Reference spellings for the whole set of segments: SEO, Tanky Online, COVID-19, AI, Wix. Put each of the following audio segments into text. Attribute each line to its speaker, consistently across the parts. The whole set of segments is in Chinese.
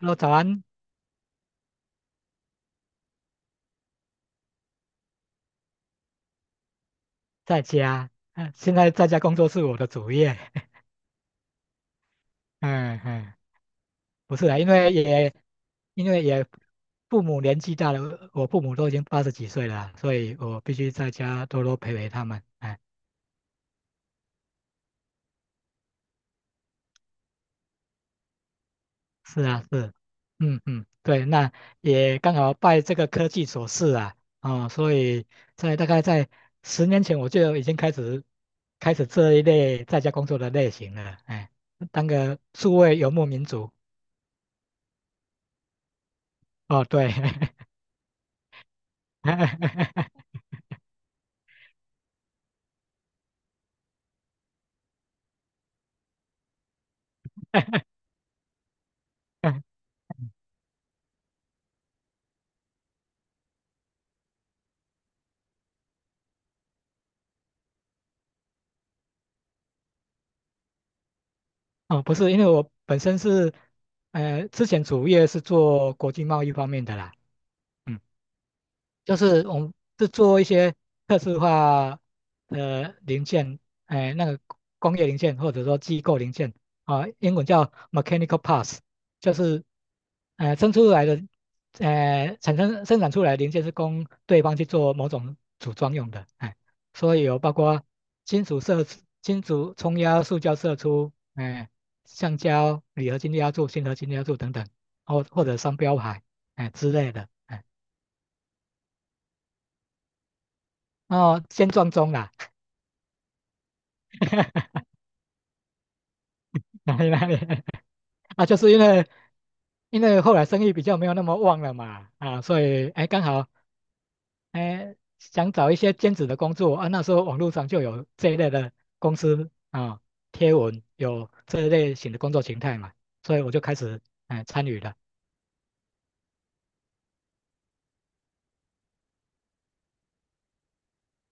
Speaker 1: Hello，早安，在家。嗯、现在在家工作是我的主业。嗯嗯，不是啊，因为也父母年纪大了，我父母都已经80几岁了啊，所以我必须在家多多陪陪他们。哎，是啊，是，嗯嗯，对，那也刚好拜这个科技所赐啊，哦，所以大概在10年前我就已经开始这一类在家工作的类型了。哎，当个数位游牧民族。哦，对，哦，不是，因为我本身是，之前主业是做国际贸易方面的啦。嗯。就是我们是做一些特殊化的零件，哎，那个工业零件或者说机构零件啊，英文叫 mechanical parts，就是生出来的呃产生生产出来的零件是供对方去做某种组装用的，哎，所以有包括金属射出金属冲压、塑胶射出，哎，橡胶、铝合金压铸、锌合金压铸等等，或者商标牌，哎之类的。哎哦，先撞钟啦，哪里哪里啊，就是因为后来生意比较没有那么旺了嘛，啊，所以哎刚好哎想找一些兼职的工作啊，那时候网络上就有这一类的公司啊贴文有这一类型的工作形态嘛，所以我就开始哎参与了。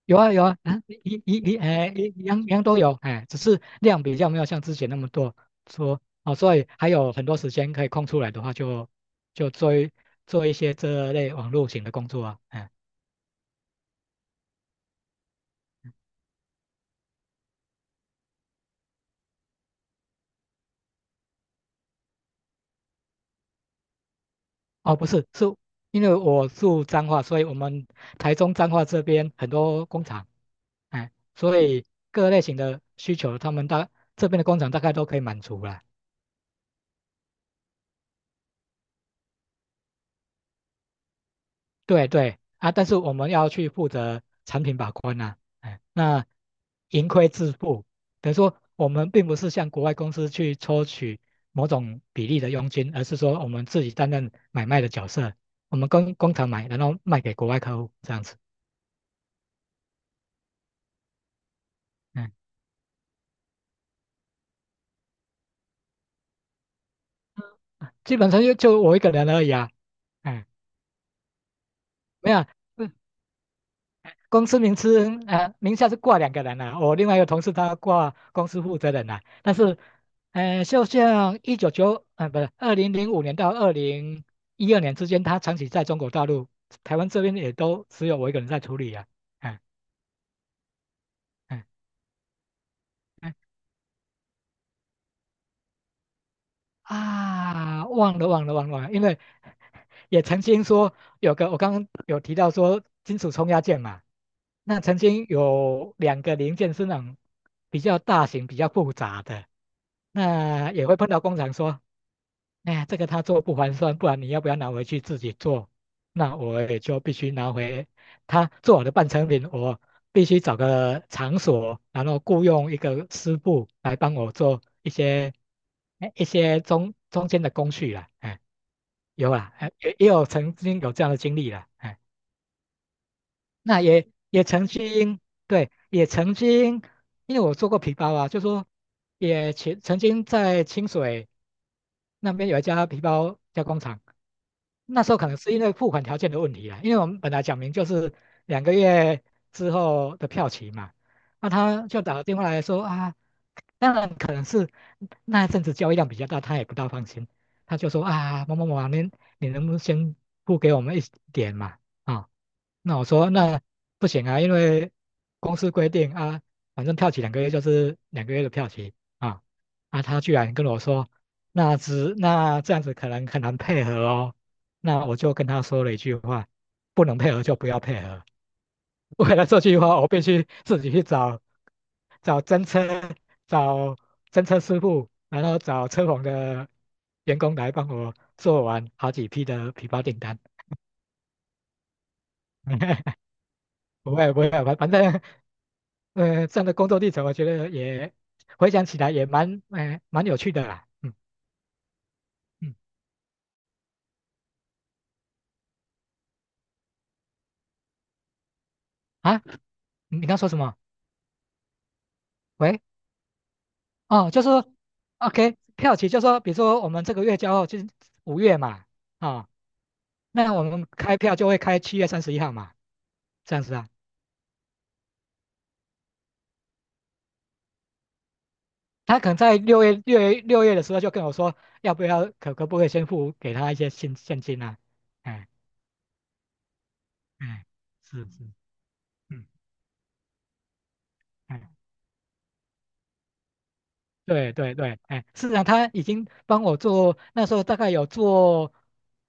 Speaker 1: 有啊有啊，啊一一一哎一一样一样都有哎，只是量比较没有像之前那么多说哦，所以还有很多时间可以空出来的话就，就做一做一些这类网络型的工作啊，哎哦不是是因为我住彰化，所以我们台中彰化这边很多工厂，哎，所以各类型的需求他们大这边的工厂大概都可以满足了，对对啊，但是我们要去负责产品把关呐、哎，那盈亏自负，等于说我们并不是向国外公司去抽取某种比例的佣金，而是说我们自己担任买卖的角色，我们跟工厂买，然后卖给国外客户这样子，嗯，基本上就我一个人而已啊，嗯，没有啊公司名称名下是挂两个人啊，我另外一个同事他挂公司负责人啊，但是，呃，就像一九九呃不是2005年到2012年之间，他长期在中国大陆，台湾这边也都只有我一个人在处理啊，嗯嗯嗯啊，忘了因为也曾经说有个，我刚刚有提到说金属冲压件嘛，那曾经有两个零件是那种比较大型、比较复杂的，那也会碰到工厂说，哎呀，这个他做不划算，不然你要不要拿回去自己做？那我也就必须拿回他做好的半成品，我必须找个场所，然后雇佣一个师傅来帮我做一些哎一些中间的工序啦，哎。有啦，哎也也有曾经有这样的经历了，哎，那也也曾经，对，也曾经，因为我做过皮包啊，就说也曾经在清水那边有一家皮包加工厂，那时候可能是因为付款条件的问题啊，因为我们本来讲明就是两个月之后的票期嘛，那他就打个电话来说啊，当然可能是那一阵子交易量比较大，他也不大放心，他就说啊，某某某啊，您你能不能先付给我们一点嘛？啊、那我说那不行啊，因为公司规定啊，反正票期两个月就是两个月的票期啊啊，他居然跟我说那只那这样子可能很难配合哦，那我就跟他说了一句话，不能配合就不要配合。 为了这句话，我必须自己去找找真车、找真车师傅，然后找车棚的员工来帮我做完好几批的皮包订单。不会不会，反正这样的工作历程，我觉得也回想起来也蛮有趣的啦。嗯嗯啊，你刚说什么？喂哦，就是说 OK 票期，就是说比如说我们这个月交货就是5月嘛，啊、那我们开票就会开7月31号嘛，这样子啊。他可能在六月的时候就跟我说，要不要不可以先付给他一些现金啊？哎哎，是是，嗯。哎对对对，哎，市上他已经帮我做，那时候大概有做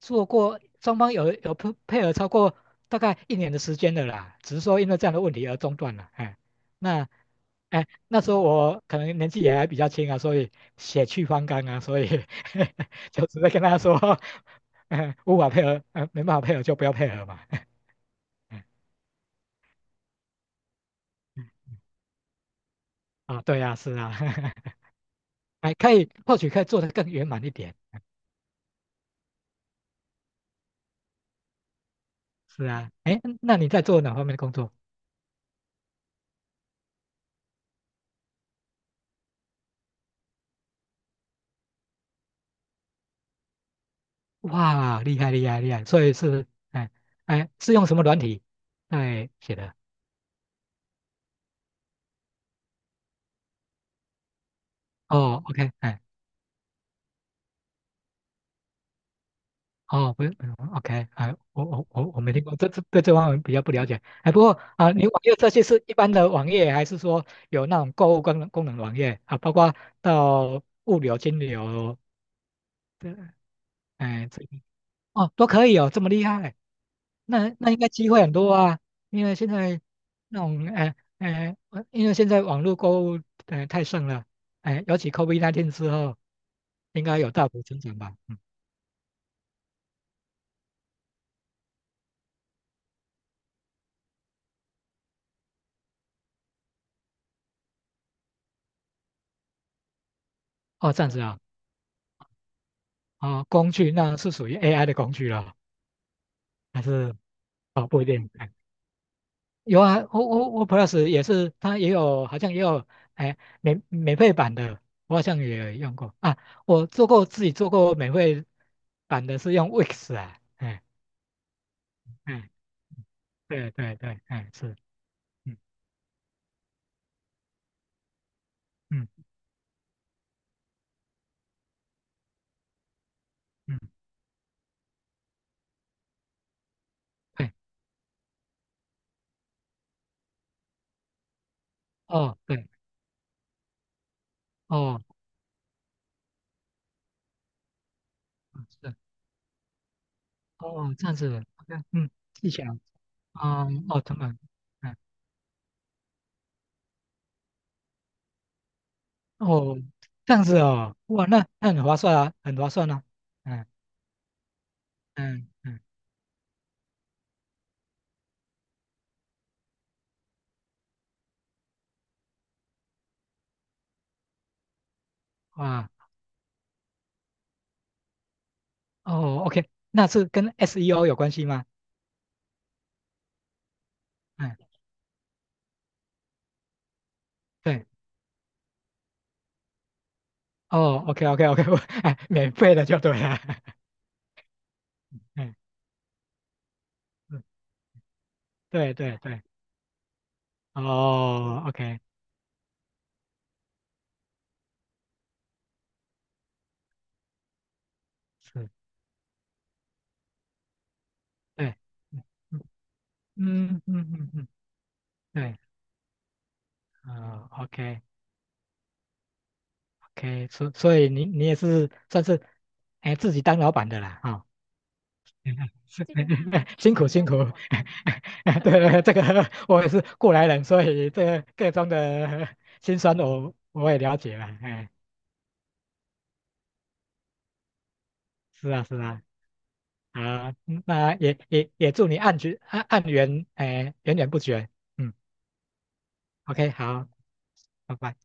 Speaker 1: 做过，双方有配合超过大概1年的时间的啦，只是说因为这样的问题而中断了，哎，那哎那时候我可能年纪也还比较轻啊，所以血气方刚啊，所以 就直接跟他说，嗯，无法配合，没办法配合就不要配合嘛，嗯啊，对啊，是啊，哎，或许可以做得更圆满一点，是啊，哎，那你在做哪方面的工作？哇，厉害厉害厉害！所以是，哎哎，是用什么软体哎写的？哦，OK，哎，哦，不是 o k 哎，我没听过，这对这方面比较不了解。哎，不过啊，你网页这些是一般的网页，还是说有那种购物功能网页啊？包括到物流、金流的，哎，这哦，都可以哦，这么厉害，那那应该机会很多啊，因为现在那种因为现在网络购物太盛了，哎、尤其 COVID-19 之后，应该有大幅增长吧？嗯，哦，这样子啊，哦，工具那是属于 AI 的工具了，还是哦不一定，哎有啊，O O O Plus 也是，它也有好像也有哎免费版的，我好像也用过啊，我做过自己做过免费版的是用 Wix 啊。哎哎，对对对，哎，是，嗯嗯嗯，对，哦对，哦是，哦这样子，OK，嗯，技巧，嗯，哦成本，嗯，哦这样子哦，哇，那那很划算啊，很划算啊，嗯嗯嗯，哇，哦 OK，那是跟 SEO 有关系吗？嗯，对，哦 OK OK OK，我 哎，免费的就对了，嗯，嗯对对对，哦 OK，是，对。嗯嗯嗯嗯嗯嗯对，啊、o k OK，所以你也是算是，哎，自己当老板的啦，哈、是这个 辛苦辛苦，对对，这个我也是过来人，所以这个各种的 辛酸我也了解了，哎，是啊是啊，啊，嗯那也也也祝你案局案案源，哎，源源不绝，嗯，OK，好，拜拜。